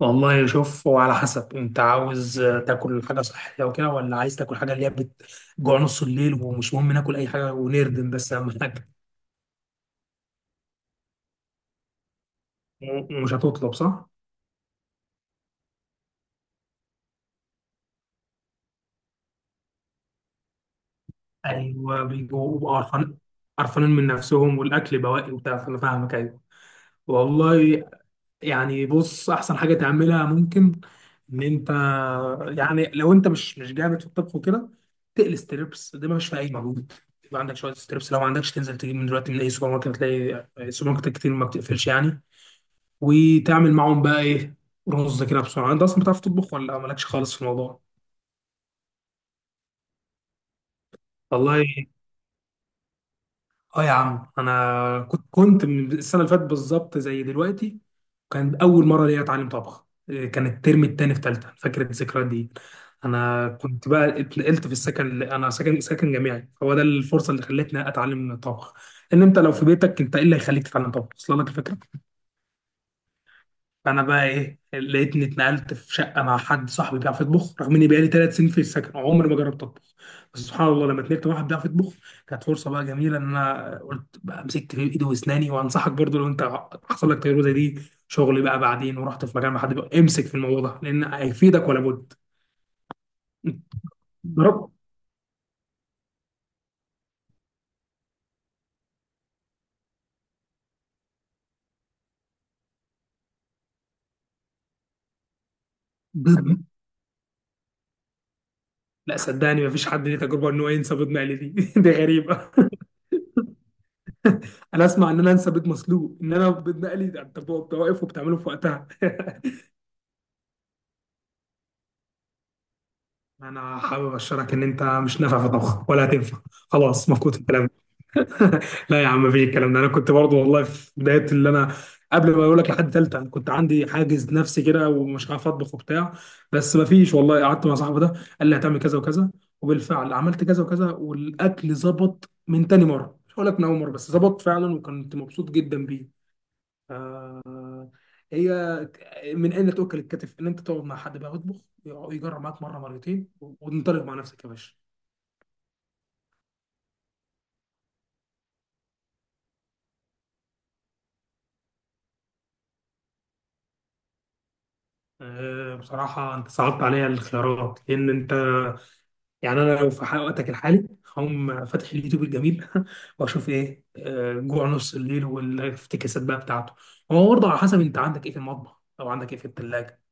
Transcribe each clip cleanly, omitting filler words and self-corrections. والله شوف، هو على حسب انت عاوز تاكل حاجه صحيه وكده، ولا عايز تاكل حاجه اللي هي بتجوع نص الليل ومش مهم ناكل اي حاجه ونردم، بس اهم حاجه. مش هتطلب، صح؟ ايوه، بيبقوا قرفان، قرفانين من نفسهم والاكل بواقي وبتاع، فانا فاهمك، ايوه والله. يعني بص، احسن حاجه تعملها ممكن ان انت، يعني لو انت مش جامد في الطبخ وكده، تقلي ستريبس، ده مش في اي مجهود. يبقى عندك شويه ستريبس، لو ما عندكش تنزل تجيب من دلوقتي من اي سوبر ماركت، هتلاقي السوبر ماركت كتير ما بتقفلش يعني، وتعمل معاهم بقى ايه، رز كده بسرعه. انت اصلا بتعرف تطبخ ولا مالكش خالص في الموضوع؟ والله اه يا عم، انا كنت من السنه اللي فاتت بالظبط زي دلوقتي، كان اول مره ليا اتعلم طبخ كان الترم التاني في تالتة، فاكر الذكريات دي. انا كنت بقى اتنقلت في السكن، اللي انا ساكن جامعي، فهو ده الفرصه اللي خلتني اتعلم طبخ. ان انت لو في بيتك، انت ايه اللي هيخليك تتعلم طبخ اصلا؟ لك الفكره. فانا بقى ايه، لقيتني اتنقلت في شقه مع حد صاحبي بيعرف يطبخ، رغم اني بقالي ثلاث سنين في السكن عمري ما جربت اطبخ. بس سبحان الله، لما اتنقلت مع واحد بيعرف يطبخ كانت فرصه بقى جميله، ان انا قلت بقى مسكت في ايدي واسناني. وانصحك برضو، لو انت حصل لك تجربه زي دي، شغل بقى، بعدين ورحت في مكان مع حد بقى، امسك في الموضوع ده لان هيفيدك ولا بد. ضرب ضرب- لا صدقني، مفيش حد ليه تجربه ان هو ينسى بيض مقلي دي. دي غريبه. انا اسمع ان انا انسى بيض مسلوق، ان انا بيض مقلي ده انت بتبقى واقف وبتعمله في وقتها. انا حابب ابشرك ان انت مش نافع في طبخ ولا هتنفع، خلاص مفقود الكلام ده. لا يا عم، مفيش الكلام ده. انا كنت برضو والله في بدايه اللي انا، قبل ما اقول لك لحد ثالثه، انا كنت عندي حاجز نفسي كده ومش عارف اطبخ وبتاع. بس مفيش والله، قعدت مع صاحبي ده، قال لي هتعمل كذا وكذا، وبالفعل عملت كذا وكذا، والاكل ظبط من تاني مره، مش هقول لك من اول مره، بس ظبط فعلا وكنت مبسوط جدا بيه. هي من اين تؤكل الكتف، ان انت تقعد مع حد بقى يطبخ، يجرب معاك مره مرتين وتنطلق مع نفسك يا باشا. بصراحة أنت صعبت عليا الاختيارات، لأن أنت، يعني أنا لو في وقتك الحالي هقوم فاتح اليوتيوب الجميل وأشوف إيه، جوع نص الليل والافتكاسات بقى بتاعته. هو برضه على حسب أنت عندك إيه في المطبخ، أو عندك إيه في التلاجة.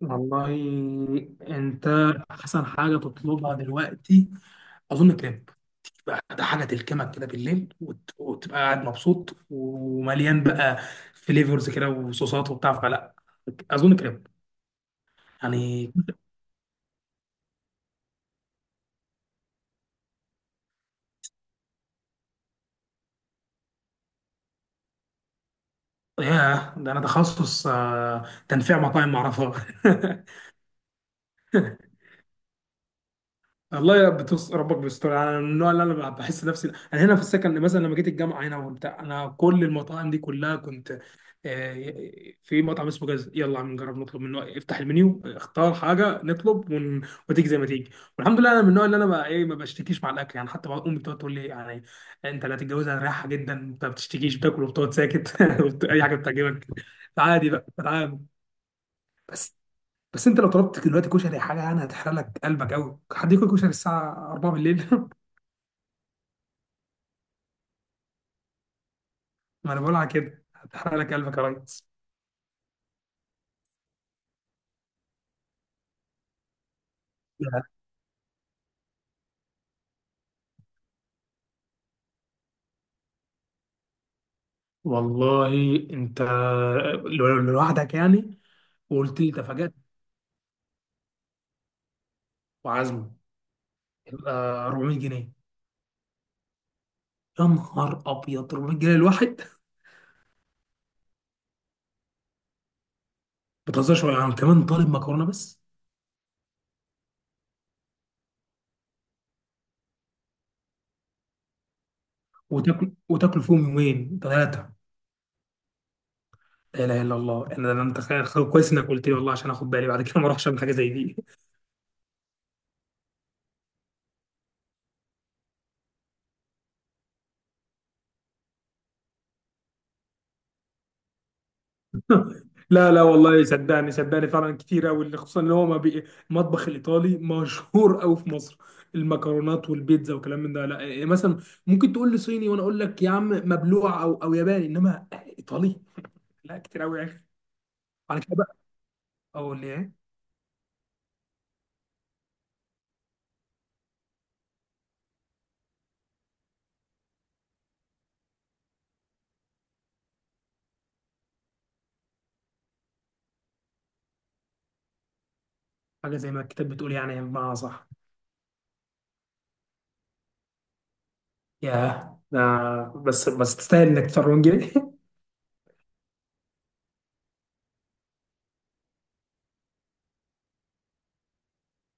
والله أنت أحسن حاجة تطلبها دلوقتي أظن كريب، بقى ده حاجة تلكمك كده بالليل وتبقى قاعد مبسوط ومليان بقى، فليفرز كده وصوصات وبتاع فلا، أظن كريب يعني. ياه، ده انا تخصص تنفيع مطاعم معرفة. والله يا بتوص ربك بيستر، انا من النوع اللي انا بحس نفسي، انا هنا في السكن مثلا لما جيت الجامعه هنا وبتاع، انا كل المطاعم دي كلها كنت آه، في مطعم اسمه جاز، يلا عم نجرب نطلب منه، افتح المنيو، اختار حاجه نطلب. وتيجي زي ما تيجي. والحمد لله، انا من النوع اللي انا بقى ايه، ما بشتكيش مع الاكل يعني، حتى بقى امي بتقعد تقول لي يعني، انت لا تتجوز هتريحها جدا، انت ما بتشتكيش بتاكل وبتقعد ساكت، اي حاجه بتعجبك عادي بقى بتعامل. بس انت لو طلبت دلوقتي كشري حاجه، يعني هتحرق لك قلبك قوي، حد ياكل كشري الساعه 4 بالليل؟ ما انا بقول على كده هتحرق لك قلبك يا ريس. لا والله، انت لوحدك يعني، وقلت لي تفاجأت وعزمه، يبقى 400 جنيه. يا نهار ابيض، 400 جنيه الواحد، ما بتهزرش، ولا يعني كمان طالب مكرونه بس؟ وتاكل وتاكل فيهم يومين ثلاثه. لا اله الا الله، انا متخيل. كويس انك قلت لي والله، عشان اخد بالي بعد كده ما اروحش اعمل حاجه زي دي. لا لا والله، صدقني صدقني، فعلا كتير قوي، خصوصا ان هو ما بي... المطبخ الايطالي مشهور قوي في مصر، المكرونات والبيتزا وكلام من ده. لا مثلا ممكن تقول لي صيني وانا اقول لك يا عم مبلوع، او ياباني، انما ايطالي، لا كتير قوي يا اخي. على كده بقى اقول لي ايه؟ حاجه زي ما الكتاب بتقول يعني، بمعنى صح. ياه، آه بس بس تستاهل انك تفرون جري.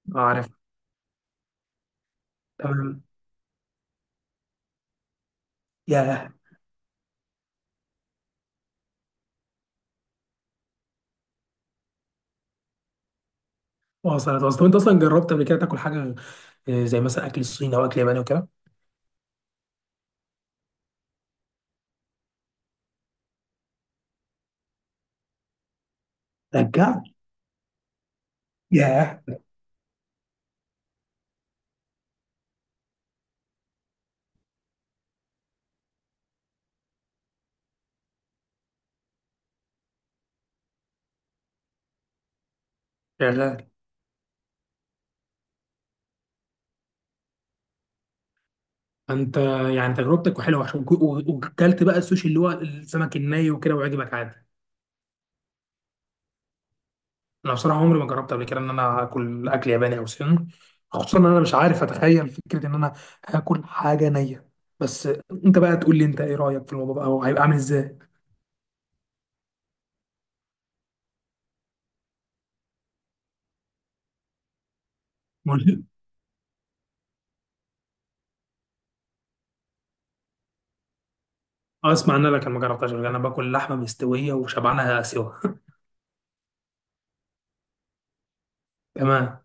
عارف، تمام. ياه، وصلت وصلت. وانت اصلا جربت قبل كده تاكل حاجه زي مثلا اكل الصيني او اكل ياباني وكده؟ رجعت؟ ياه. شغال؟ فانت يعني تجربتك حلوه، عشان وكلت بقى السوشي اللي هو السمك الني وكده وعجبك عادي. انا بصراحه عمري ما جربت قبل كده ان انا اكل اكل ياباني او صيني، خصوصا ان انا مش عارف اتخيل فكره ان انا هاكل حاجه نيه. بس انت بقى تقول لي انت ايه رايك في الموضوع بقى، وهيبقى عامل ازاي. ملهم. اسمع ان انا، لكن ما جربتهاش قبل كده، انا باكل لحمه مستويه وشبعانها سوا. تمام.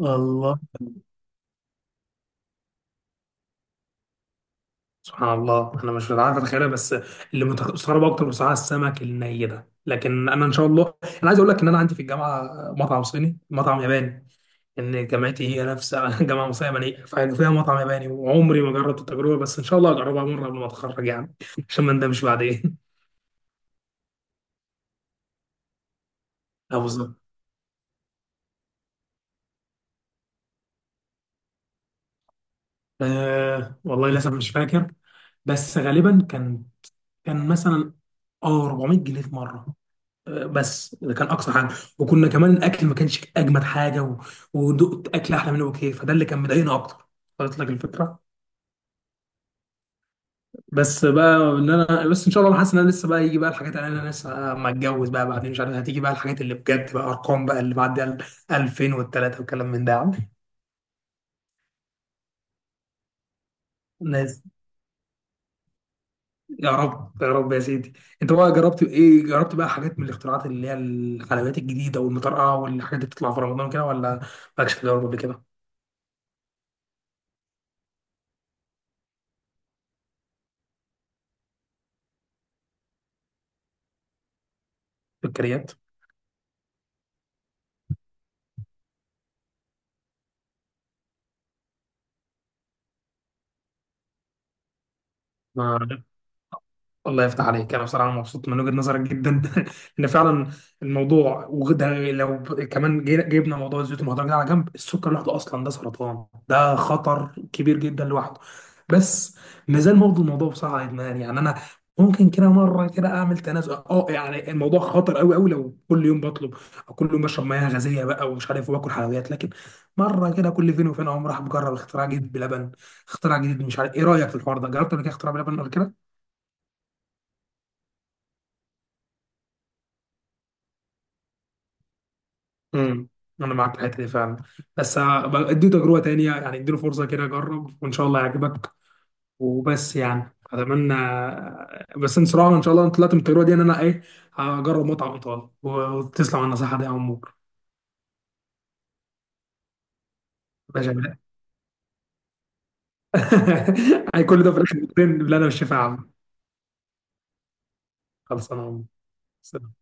الله، سبحان الله، انا مش عارف اتخيلها. بس اللي مستغرب اكتر بصراحه السمك الني ده. لكن انا ان شاء الله، انا عايز اقول لك ان انا عندي في الجامعه مطعم صيني، مطعم ياباني، ان جامعتي هي نفس جامعه مصريه يابانيه فيها مطعم ياباني، وعمري ما جربت التجربه، بس ان شاء الله هجربها مره قبل ما اتخرج يعني، عشان ما ندمش بعدين. اه بالظبط. آه والله للاسف مش فاكر، بس غالبا كان مثلا اه 400 جنيه في مره، بس ده كان اقصى حاجه، وكنا كمان الاكل ما كانش اجمد حاجه، و... ودقت اكل احلى منه بكتير، فده اللي كان مضايقنا اكتر، قلت لك الفكره. بس بقى ان انا، بس ان شاء الله انا حاسس ان انا لسه بقى يجي بقى الحاجات، اللي انا لسه ما اتجوز بقى، بعدين مش عارف هتيجي بقى الحاجات اللي بجد بقى، ارقام بقى اللي بعد ال 2003 وكلام من ده يا عم. ناس، يا رب يا رب يا سيدي. انت بقى جربت ايه؟ جربت بقى حاجات من الاختراعات اللي هي الحلويات الجديده والمطرقه والحاجات اللي بتطلع في رمضان كده، ولا مالكش تجارب قبل كده؟ سكريات. الله يفتح عليك، انا بصراحه مبسوط من وجهه نظرك جدا ان فعلا الموضوع، وده لو كمان جبنا موضوع الزيوت المهدرجه ده على جنب، السكر لوحده اصلا ده سرطان، ده خطر كبير جدا لوحده. بس مازال برضه الموضوع بصراحه ادمان يعني، انا ممكن كده مره كده اعمل تنازل، اه يعني الموضوع خطر قوي قوي لو كل يوم بطلب، او كل يوم بشرب مياه غازيه بقى ومش عارف واكل حلويات. لكن مره كده، كل فين وفين، اقوم راح مجرب اختراع جديد بلبن. اختراع جديد، مش عارف ايه رايك في الحوار ده، جربت قبل كده اختراع بلبن قبل كده؟ امم. انا معاك في الحته دي فعلا، بس أبقى اديله تجربه تانية يعني، اديله فرصه كده، جرب وان شاء الله يعجبك، وبس يعني اتمنى. بس ان صراحه ان شاء الله انا طلعت من التجربه دي ان انا ايه، هجرب مطعم ايطالي، وتسلم على النصيحه دي يا عمور. ماشي يا بلال. هي كل ده في الاخر بتبان، اللي انا مش شايفها يا عم. خلصانه يا عمور.